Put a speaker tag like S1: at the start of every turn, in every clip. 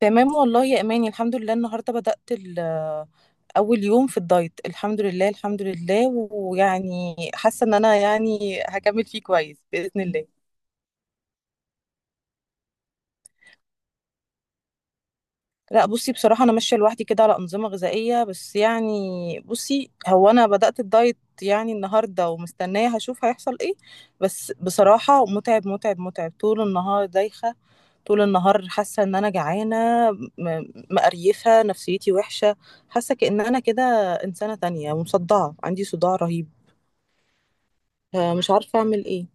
S1: تمام والله يا اماني، الحمد لله. النهارده بدأت اول يوم في الدايت، الحمد لله الحمد لله. ويعني حاسه ان انا يعني هكمل فيه كويس بإذن الله. لا بصي، بصراحة أنا ماشية لوحدي كده على أنظمة غذائية، بس يعني بصي، هو أنا بدأت الدايت يعني النهاردة ومستنية هشوف هيحصل إيه. بس بصراحة متعب متعب متعب، طول النهار دايخة، طول النهار حاسة إن أنا جعانة. م- مقريفة، نفسيتي وحشة. حاسة كأن أنا كده إنسانة تانية، ومصدعة، عندي صداع رهيب. آه، مش عارفة أعمل إيه.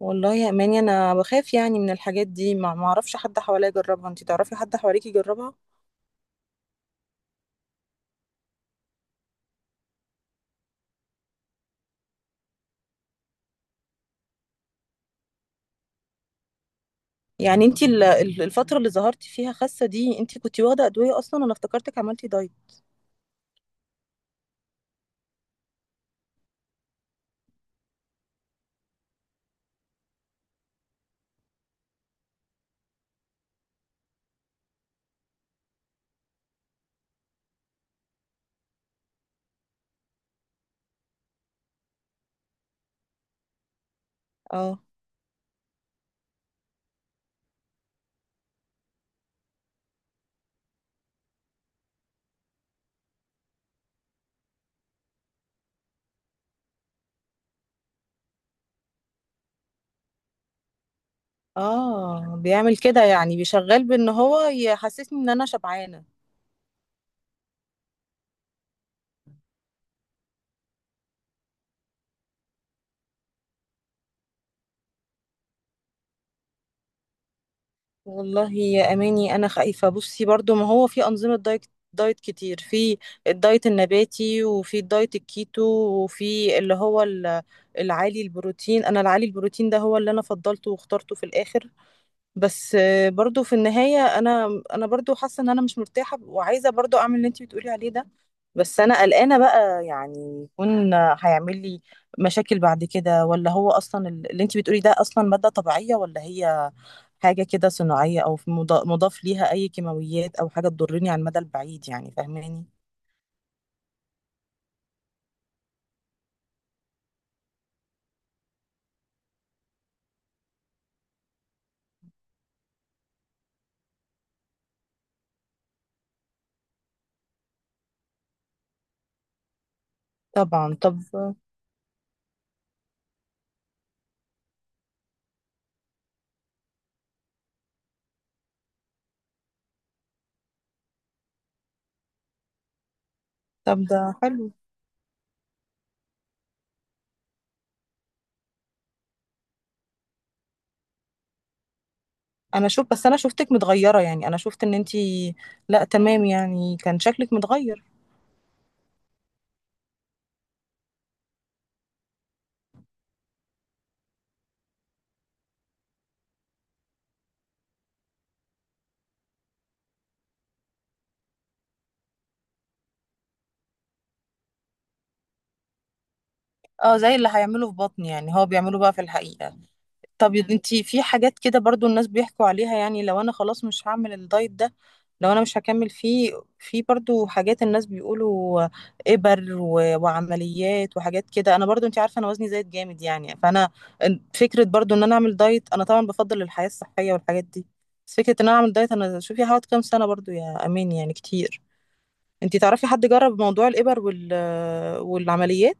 S1: والله يا أماني أنا بخاف يعني من الحاجات دي، ما معرفش حد حواليا يجربها. أنتي تعرفي حد حواليكي يجربها؟ يعني انت الفترة اللي ظهرتي فيها خاسة دي، انت كنتي واخدة أدوية أصلا؟ أنا افتكرتك عملتي دايت. اه. اه، بيعمل كده يعني، بيشغل بأن هو يحسسني إن أنا شبعانة. والله يا أماني أنا خايفة بصي، برضو ما هو في أنظمة دايت، دايت كتير. في الدايت النباتي وفي الدايت الكيتو، وفي اللي هو العالي البروتين. أنا العالي البروتين ده هو اللي أنا فضلته واخترته في الآخر. بس برضو في النهاية أنا برضو حاسة إن أنا مش مرتاحة، وعايزة برضو أعمل اللي أنتي بتقولي عليه ده. بس أنا قلقانة بقى، يعني يكون هيعمل لي مشاكل بعد كده، ولا هو أصلا اللي أنتي بتقولي ده أصلا مادة طبيعية، ولا هي حاجة كده صناعية، أو في مضاف ليها أي كيماويات، أو حاجة تضرني على المدى البعيد يعني؟ فاهماني؟ طبعا. طب. طب ده حلو. أنا شوف، بس أنا شفتك متغيرة يعني، أنا شفت إن أنتي. لأ تمام يعني، كان شكلك متغير. اه، زي اللي هيعمله في بطني يعني، هو بيعمله بقى في الحقيقة. طب انتي في حاجات كده برضو الناس بيحكوا عليها، يعني لو انا خلاص مش هعمل الدايت ده، لو انا مش هكمل فيه، في برضو حاجات الناس بيقولوا، ابر وعمليات وحاجات كده. انا برضو انتي عارفة انا وزني زايد جامد يعني، فانا فكرة برضو ان انا اعمل دايت. انا طبعا بفضل الحياة الصحية والحاجات دي، بس فكرة ان انا اعمل دايت، انا شوفي، هقعد كام سنة برضو يا امين؟ يعني كتير. انتي تعرفي حد جرب موضوع الابر والعمليات؟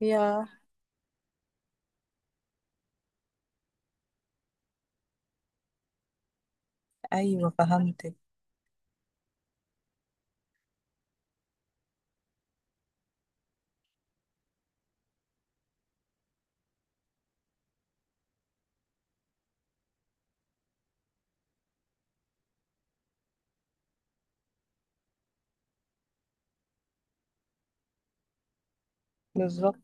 S1: يا ايوه، فهمتك. بالظبط.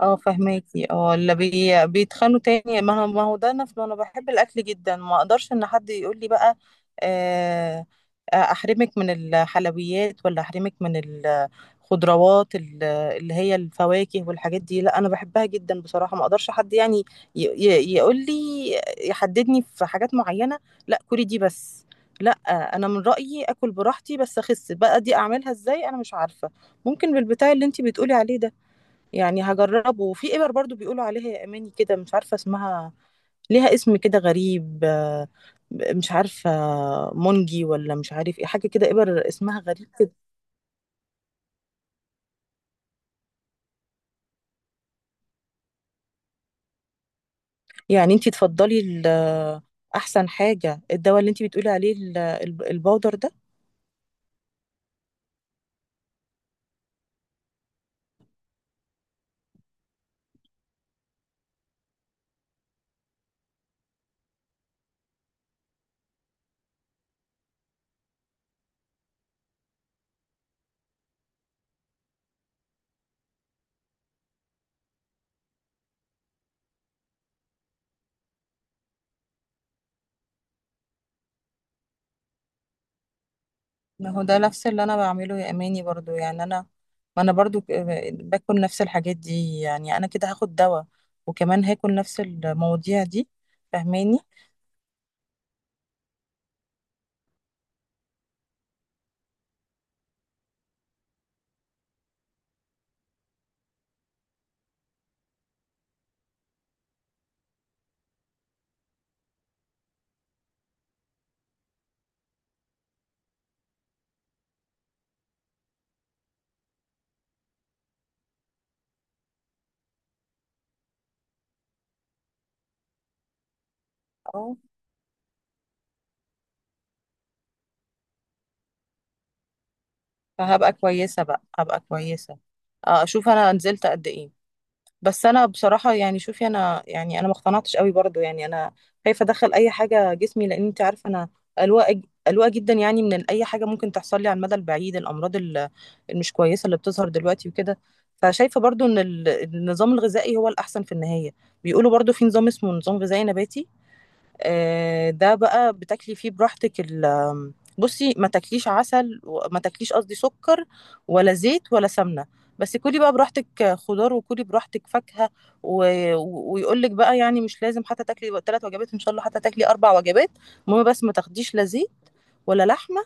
S1: اه فهماكي، اه، اللي بيتخانوا تاني. ما هو ده نفسه، انا بحب الاكل جدا، ما اقدرش ان حد يقول لي بقى آه، احرمك من الحلويات، ولا احرمك من الخضروات اللي هي الفواكه والحاجات دي. لا انا بحبها جدا بصراحة، ما اقدرش حد يعني يقول لي يحددني في حاجات معينة. لا كلي دي بس. لا. انا من رأيي اكل براحتي، بس اخس بقى دي اعملها ازاي انا مش عارفة. ممكن بالبتاع اللي انتي بتقولي عليه ده، يعني هجربه. وفي ابر برضو بيقولوا عليها يا اماني كده، مش عارفه اسمها. ليها اسم كده غريب، مش عارفه، مونجي، ولا مش عارف ايه، حاجه كده، ابر اسمها غريب كده. يعني انتي تفضلي احسن حاجه الدواء اللي انتي بتقولي عليه، البودر ده؟ ما هو ده نفس اللي انا بعمله يا اماني برضو يعني، انا ما انا برضو باكل نفس الحاجات دي يعني. انا كده هاخد دواء، وكمان هاكل نفس المواضيع دي، فاهماني؟ فهبقى كويسة بقى، هبقى كويسة اشوف انا نزلت قد ايه. بس انا بصراحة يعني، شوفي، انا يعني انا ما اقتنعتش قوي برضو يعني. انا خايفة ادخل اي حاجة جسمي، لان انت عارفة انا قلوقة جدا يعني، من اي حاجة ممكن تحصل لي على المدى البعيد، الامراض المش كويسة اللي بتظهر دلوقتي وكده. فشايفة برضو ان النظام الغذائي هو الاحسن في النهاية. بيقولوا برضو في نظام اسمه نظام غذائي نباتي، آه، ده بقى بتاكلي فيه براحتك. ال آم، بصي، ما تاكليش عسل، وما تاكليش قصدي سكر، ولا زيت ولا سمنة. بس كلي بقى براحتك خضار، وكلي براحتك فاكهة و... ويقولك بقى يعني مش لازم، حتى تاكلي 3 وجبات، ان شاء الله حتى تاكلي 4 وجبات. المهم بس ما تاخديش لا زيت، ولا لحمة،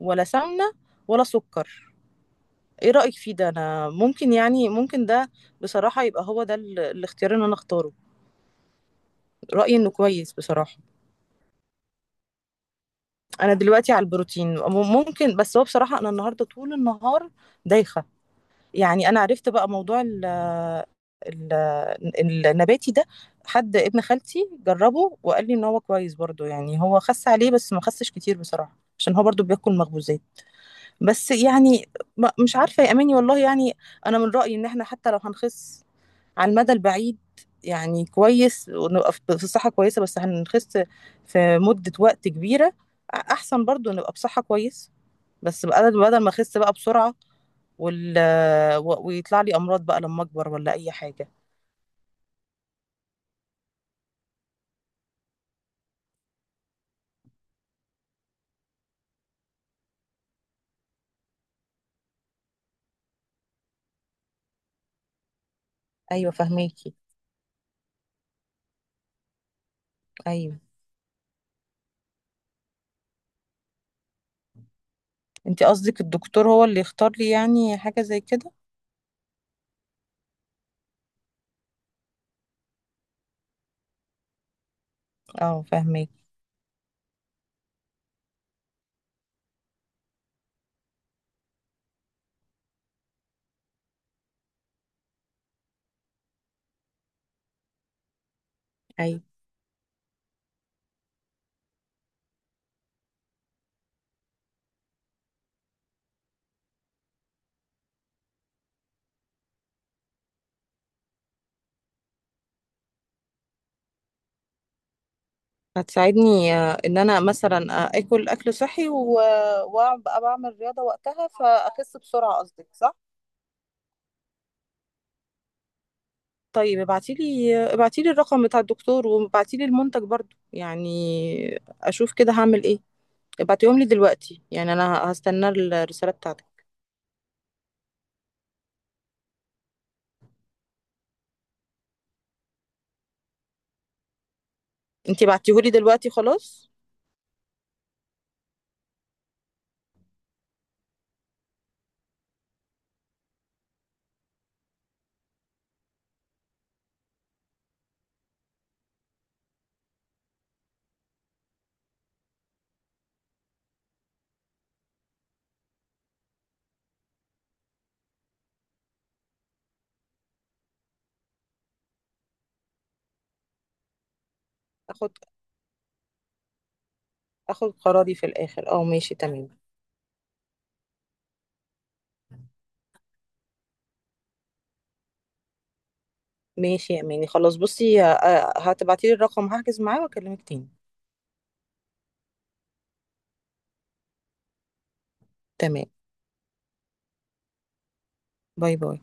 S1: ولا سمنة، ولا سكر. ايه رأيك فيه ده؟ انا ممكن يعني، ممكن ده بصراحة يبقى هو ده الاختيار اللي انا اختاره. رأيي انه كويس بصراحة. انا دلوقتي على البروتين، ممكن، بس هو بصراحة انا النهاردة طول النهار دايخة. يعني انا عرفت بقى موضوع ال ال النباتي ده. حد ابن خالتي جربه وقال لي ان هو كويس برضو، يعني هو خس عليه بس ما خسش كتير بصراحة، عشان هو برضو بياكل مخبوزات بس يعني. مش عارفة يا اماني والله يعني. انا من رأيي ان احنا حتى لو هنخس على المدى البعيد، يعني كويس ونبقى في صحة كويسة، بس هنخس في مدة وقت كبيرة. أحسن برضو نبقى بصحة كويسة، بس بدل ما اخس بقى بسرعة، وال... ويطلع لي امراض بقى لما اكبر، ولا اي حاجة. ايوه فهميكي. ايوه. انت قصدك الدكتور هو اللي يختار لي يعني حاجة زي كده؟ اه فهميكي. ايوه. هتساعدني ان انا مثلا اكل صحي، وابقى بعمل رياضة وقتها، فاخس بسرعة قصدك، صح؟ طيب ابعتيلي، الرقم بتاع الدكتور، وابعتيلي المنتج برضو يعني، اشوف كده هعمل ايه. ابعتيهم لي دلوقتي يعني، انا هستنى الرسالة بتاعتك. انتي بعتيهولي دلوقتي خلاص؟ اخد اخد قراري في الاخر. اه ماشي، تمام. ماشي يا اماني، خلاص بصي، هتبعتيلي الرقم، هحجز معاه واكلمك تاني. تمام. باي باي.